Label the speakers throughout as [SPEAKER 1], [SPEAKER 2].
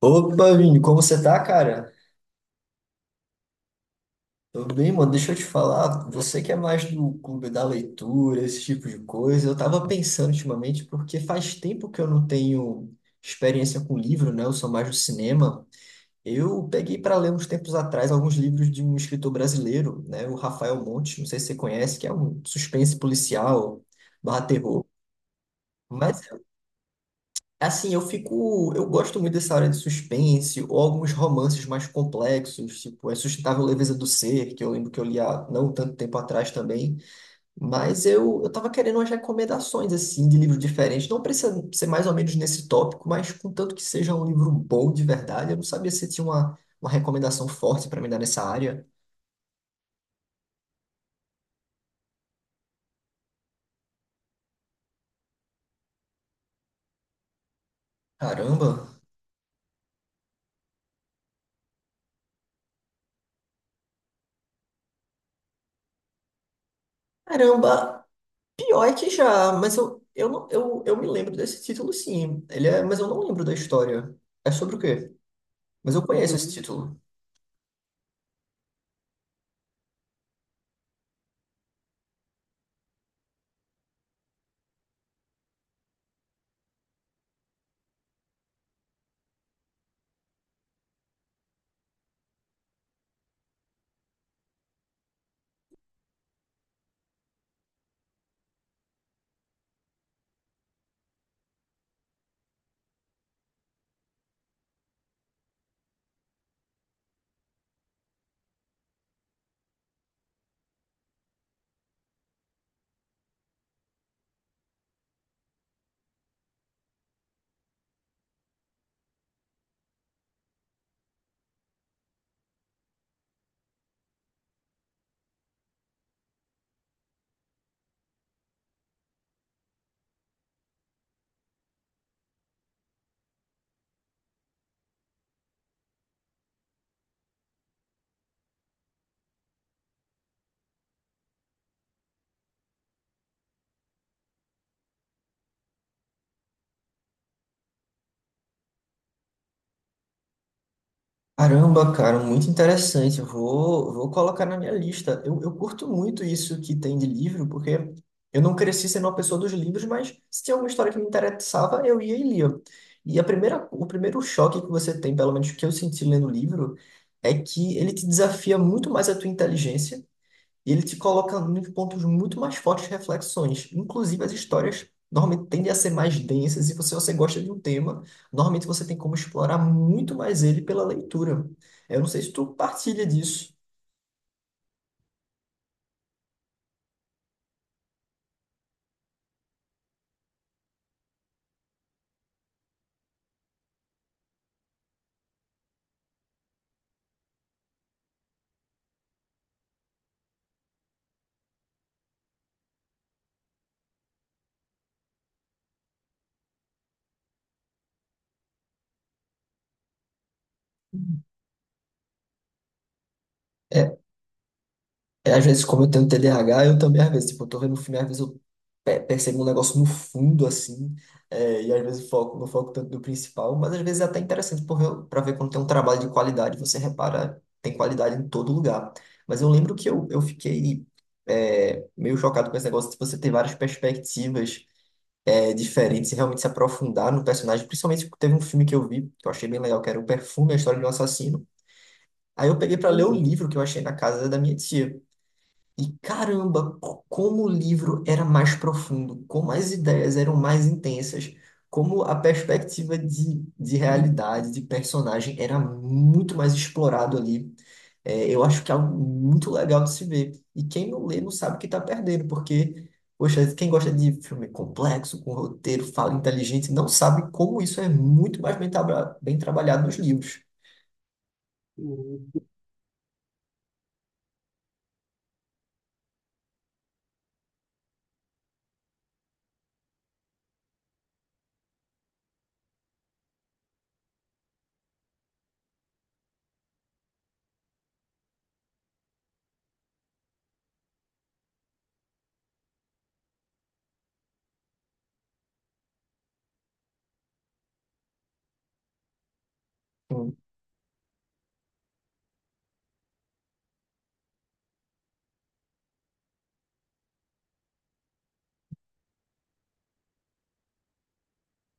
[SPEAKER 1] Opa, Vini, como você tá, cara? Tô bem, mano. Deixa eu te falar, você que é mais do clube da leitura, esse tipo de coisa, eu tava pensando ultimamente, porque faz tempo que eu não tenho experiência com livro, né? Eu sou mais do cinema. Eu peguei para ler uns tempos atrás alguns livros de um escritor brasileiro, né? O Rafael Montes, não sei se você conhece, que é um suspense policial barra terror. Mas assim, eu fico. Eu gosto muito dessa área de suspense, ou alguns romances mais complexos, tipo A Sustentável Leveza do Ser, que eu lembro que eu li há não tanto tempo atrás também. Mas eu tava querendo umas recomendações, assim, de livros diferentes. Não precisa ser mais ou menos nesse tópico, mas contanto que seja um livro bom de verdade. Eu não sabia se tinha uma recomendação forte para me dar nessa área. Caramba! Caramba! Pior é que já, mas eu, não, eu me lembro desse título, sim. Ele é, mas eu não lembro da história. É sobre o quê? Mas eu conheço esse título. Caramba, cara, muito interessante. Vou colocar na minha lista. Eu curto muito isso que tem de livro, porque eu não cresci sendo uma pessoa dos livros, mas se tinha alguma história que me interessava, eu ia e lia. E o primeiro choque que você tem, pelo menos que eu senti lendo o livro, é que ele te desafia muito mais a tua inteligência. E ele te coloca nos pontos muito mais fortes de reflexões. Inclusive, as histórias normalmente tendem a ser mais densas, e se você gosta de um tema, normalmente você tem como explorar muito mais ele pela leitura. Eu não sei se tu partilha disso. Às vezes, como eu tenho TDAH, eu também, às vezes, tipo, eu tô vendo um filme, às vezes eu percebo um negócio no fundo, assim, e às vezes foco, não foco tanto no principal, mas às vezes é até interessante porque eu para ver quando tem um trabalho de qualidade, você repara, tem qualidade em todo lugar. Mas eu lembro que eu fiquei meio chocado com esse negócio de você ter várias perspectivas diferentes e realmente se aprofundar no personagem, principalmente porque teve um filme que eu vi, que eu achei bem legal, que era O Perfume, a História de um Assassino. Aí eu peguei para ler o livro que eu achei na casa da minha tia. E caramba, como o livro era mais profundo, como as ideias eram mais intensas, como a perspectiva de realidade, de personagem era muito mais explorado ali. É, eu acho que é algo muito legal de se ver. E quem não lê não sabe o que está perdendo, porque, poxa, quem gosta de filme complexo, com roteiro, fala inteligente, não sabe como isso é muito mais bem, bem trabalhado nos livros.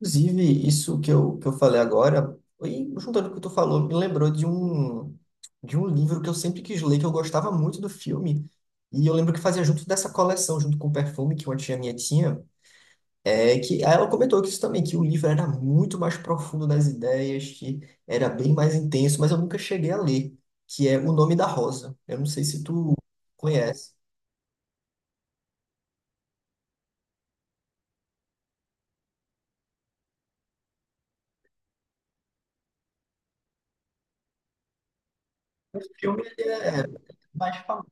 [SPEAKER 1] Inclusive, isso que eu falei agora, e juntando o que tu falou, me lembrou de um livro que eu sempre quis ler, que eu gostava muito do filme. E eu lembro que fazia junto dessa coleção, junto com o perfume que uma tia minha tinha. É que aí ela comentou que isso também, que o livro era muito mais profundo nas ideias, que era bem mais intenso, mas eu nunca cheguei a ler, que é O Nome da Rosa. Eu não sei se tu conhece. O filme ele é mais famoso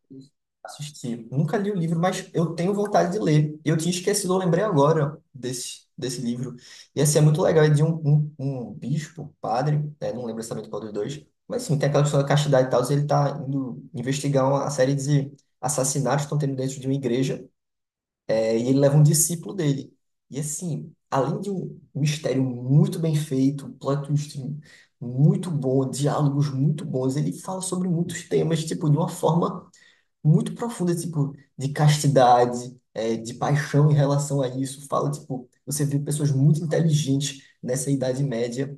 [SPEAKER 1] assistir. Nunca li o livro, mas eu tenho vontade de ler. Eu tinha esquecido, eu lembrei agora desse livro. E assim, é muito legal, é de um bispo, padre, né, não lembro exatamente qual dos dois. Mas sim, tem aquela questão da castidade e tal, e ele tá indo investigar uma série de assassinatos que estão tendo dentro de uma igreja. É, e ele leva um discípulo dele. E assim, além de um mistério muito bem feito, um plot twist muito bom, diálogos muito bons, ele fala sobre muitos temas, tipo, de uma forma muito profunda, tipo, de castidade, é, de paixão em relação a isso. Fala, tipo, você vê pessoas muito inteligentes nessa Idade Média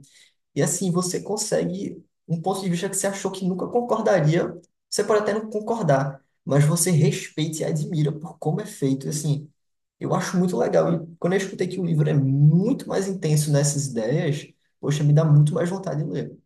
[SPEAKER 1] e assim, você consegue um ponto de vista que você achou que nunca concordaria. Você pode até não concordar, mas você respeita e admira por como é feito. E assim, eu acho muito legal. E quando eu escutei que o livro é muito mais intenso nessas ideias, poxa, me dá muito mais vontade de ler.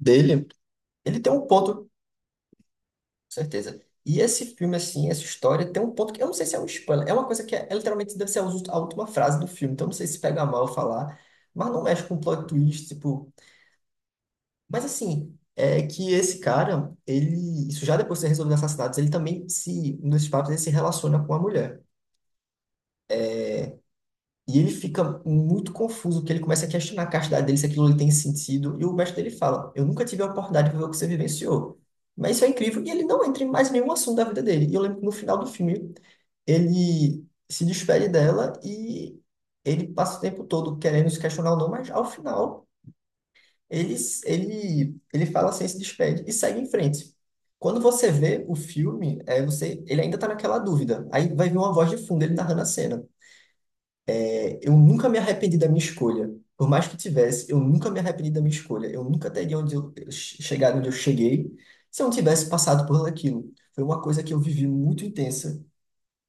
[SPEAKER 1] Dele, ele tem um ponto, com certeza. E esse filme, assim, essa história tem um ponto que eu não sei se é um spoiler, é uma coisa que é literalmente deve ser a a última frase do filme, então eu não sei se pega mal falar, mas não mexe com plot twist, tipo. Mas assim, é que esse cara, ele, isso já depois de ser resolvido assassinatos, ele também se, nos papos, ele se relaciona com a mulher. E ele fica muito confuso, porque ele começa a questionar a castidade dele, se aquilo ali tem sentido. E o mestre dele fala: Eu nunca tive a oportunidade de viver o que você vivenciou. Mas isso é incrível. E ele não entra em mais nenhum assunto da vida dele. E eu lembro que no final do filme, ele se despede dela e ele passa o tempo todo querendo se questionar ou não, mas ao final, ele, ele fala assim, se despede e segue em frente. Quando você vê o filme, é, você, ele ainda tá naquela dúvida. Aí vai vir uma voz de fundo, ele narrando a cena. Eu nunca me arrependi da minha escolha. Por mais que tivesse, eu nunca me arrependi da minha escolha. Eu nunca teria onde eu chegado onde eu cheguei se eu não tivesse passado por aquilo. Foi uma coisa que eu vivi muito intensa.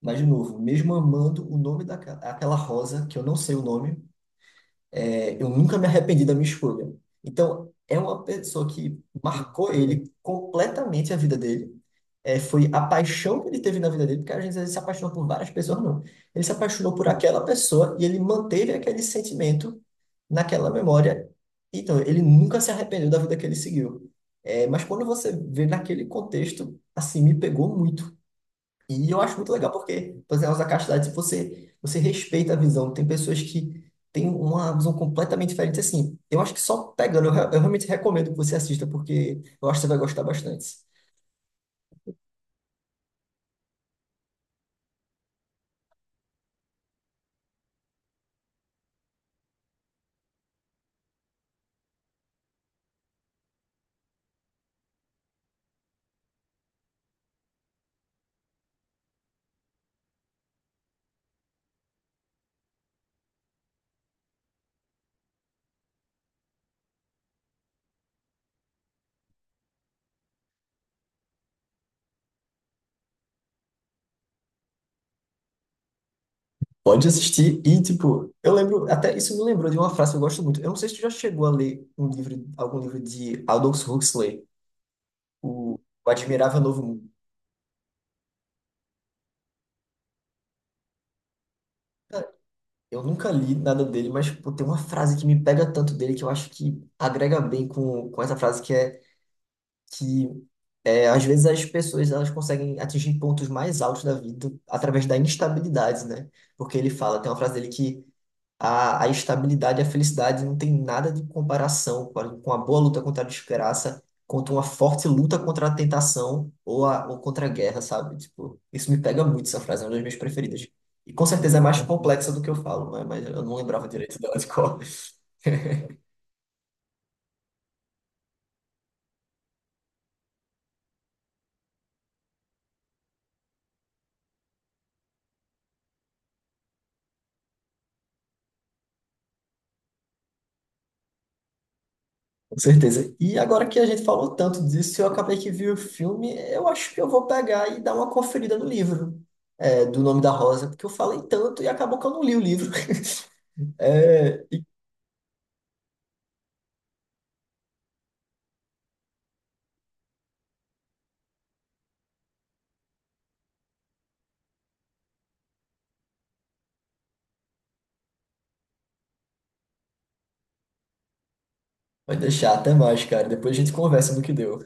[SPEAKER 1] Mas, de novo, mesmo amando o nome daquela rosa, que eu não sei o nome, é, eu nunca me arrependi da minha escolha. Então, é uma pessoa que marcou ele completamente a vida dele. É, foi a paixão que ele teve na vida dele, porque às vezes ele se apaixonou por várias pessoas, não. Ele se apaixonou por aquela pessoa e ele manteve aquele sentimento naquela memória. Então, ele nunca se arrependeu da vida que ele seguiu. É, mas quando você vê naquele contexto, assim, me pegou muito. E eu acho muito legal porque, por exemplo, a castidade, se você, você respeita a visão, tem pessoas que têm uma visão completamente diferente, assim, eu acho que só pegando, eu, eu realmente recomendo que você assista, porque eu acho que você vai gostar bastante. Pode assistir e, tipo, eu lembro, até isso me lembrou de uma frase que eu gosto muito, eu não sei se tu já chegou a ler um livro, algum livro de Aldous Huxley, o, o Admirável Novo Mundo. Cara, eu nunca li nada dele, mas pô, tem uma frase que me pega tanto dele que eu acho que agrega bem com essa frase que é, às vezes as pessoas elas conseguem atingir pontos mais altos da vida através da instabilidade, né? Porque ele fala, tem uma frase dele que a estabilidade e a felicidade não tem nada de comparação com com a boa luta contra a desgraça, contra uma forte luta contra a tentação ou, ou contra a guerra, sabe? Tipo, isso me pega muito, essa frase é uma das minhas preferidas. E com certeza é mais complexa do que eu falo, né? Mas eu não lembrava direito dela de cor. Com certeza. E agora que a gente falou tanto disso, eu acabei que vi o filme, eu acho que eu vou pegar e dar uma conferida no livro, é, do Nome da Rosa, porque eu falei tanto e acabou que eu não li o livro. É, vai deixar, até mais, cara. Depois a gente conversa no que deu.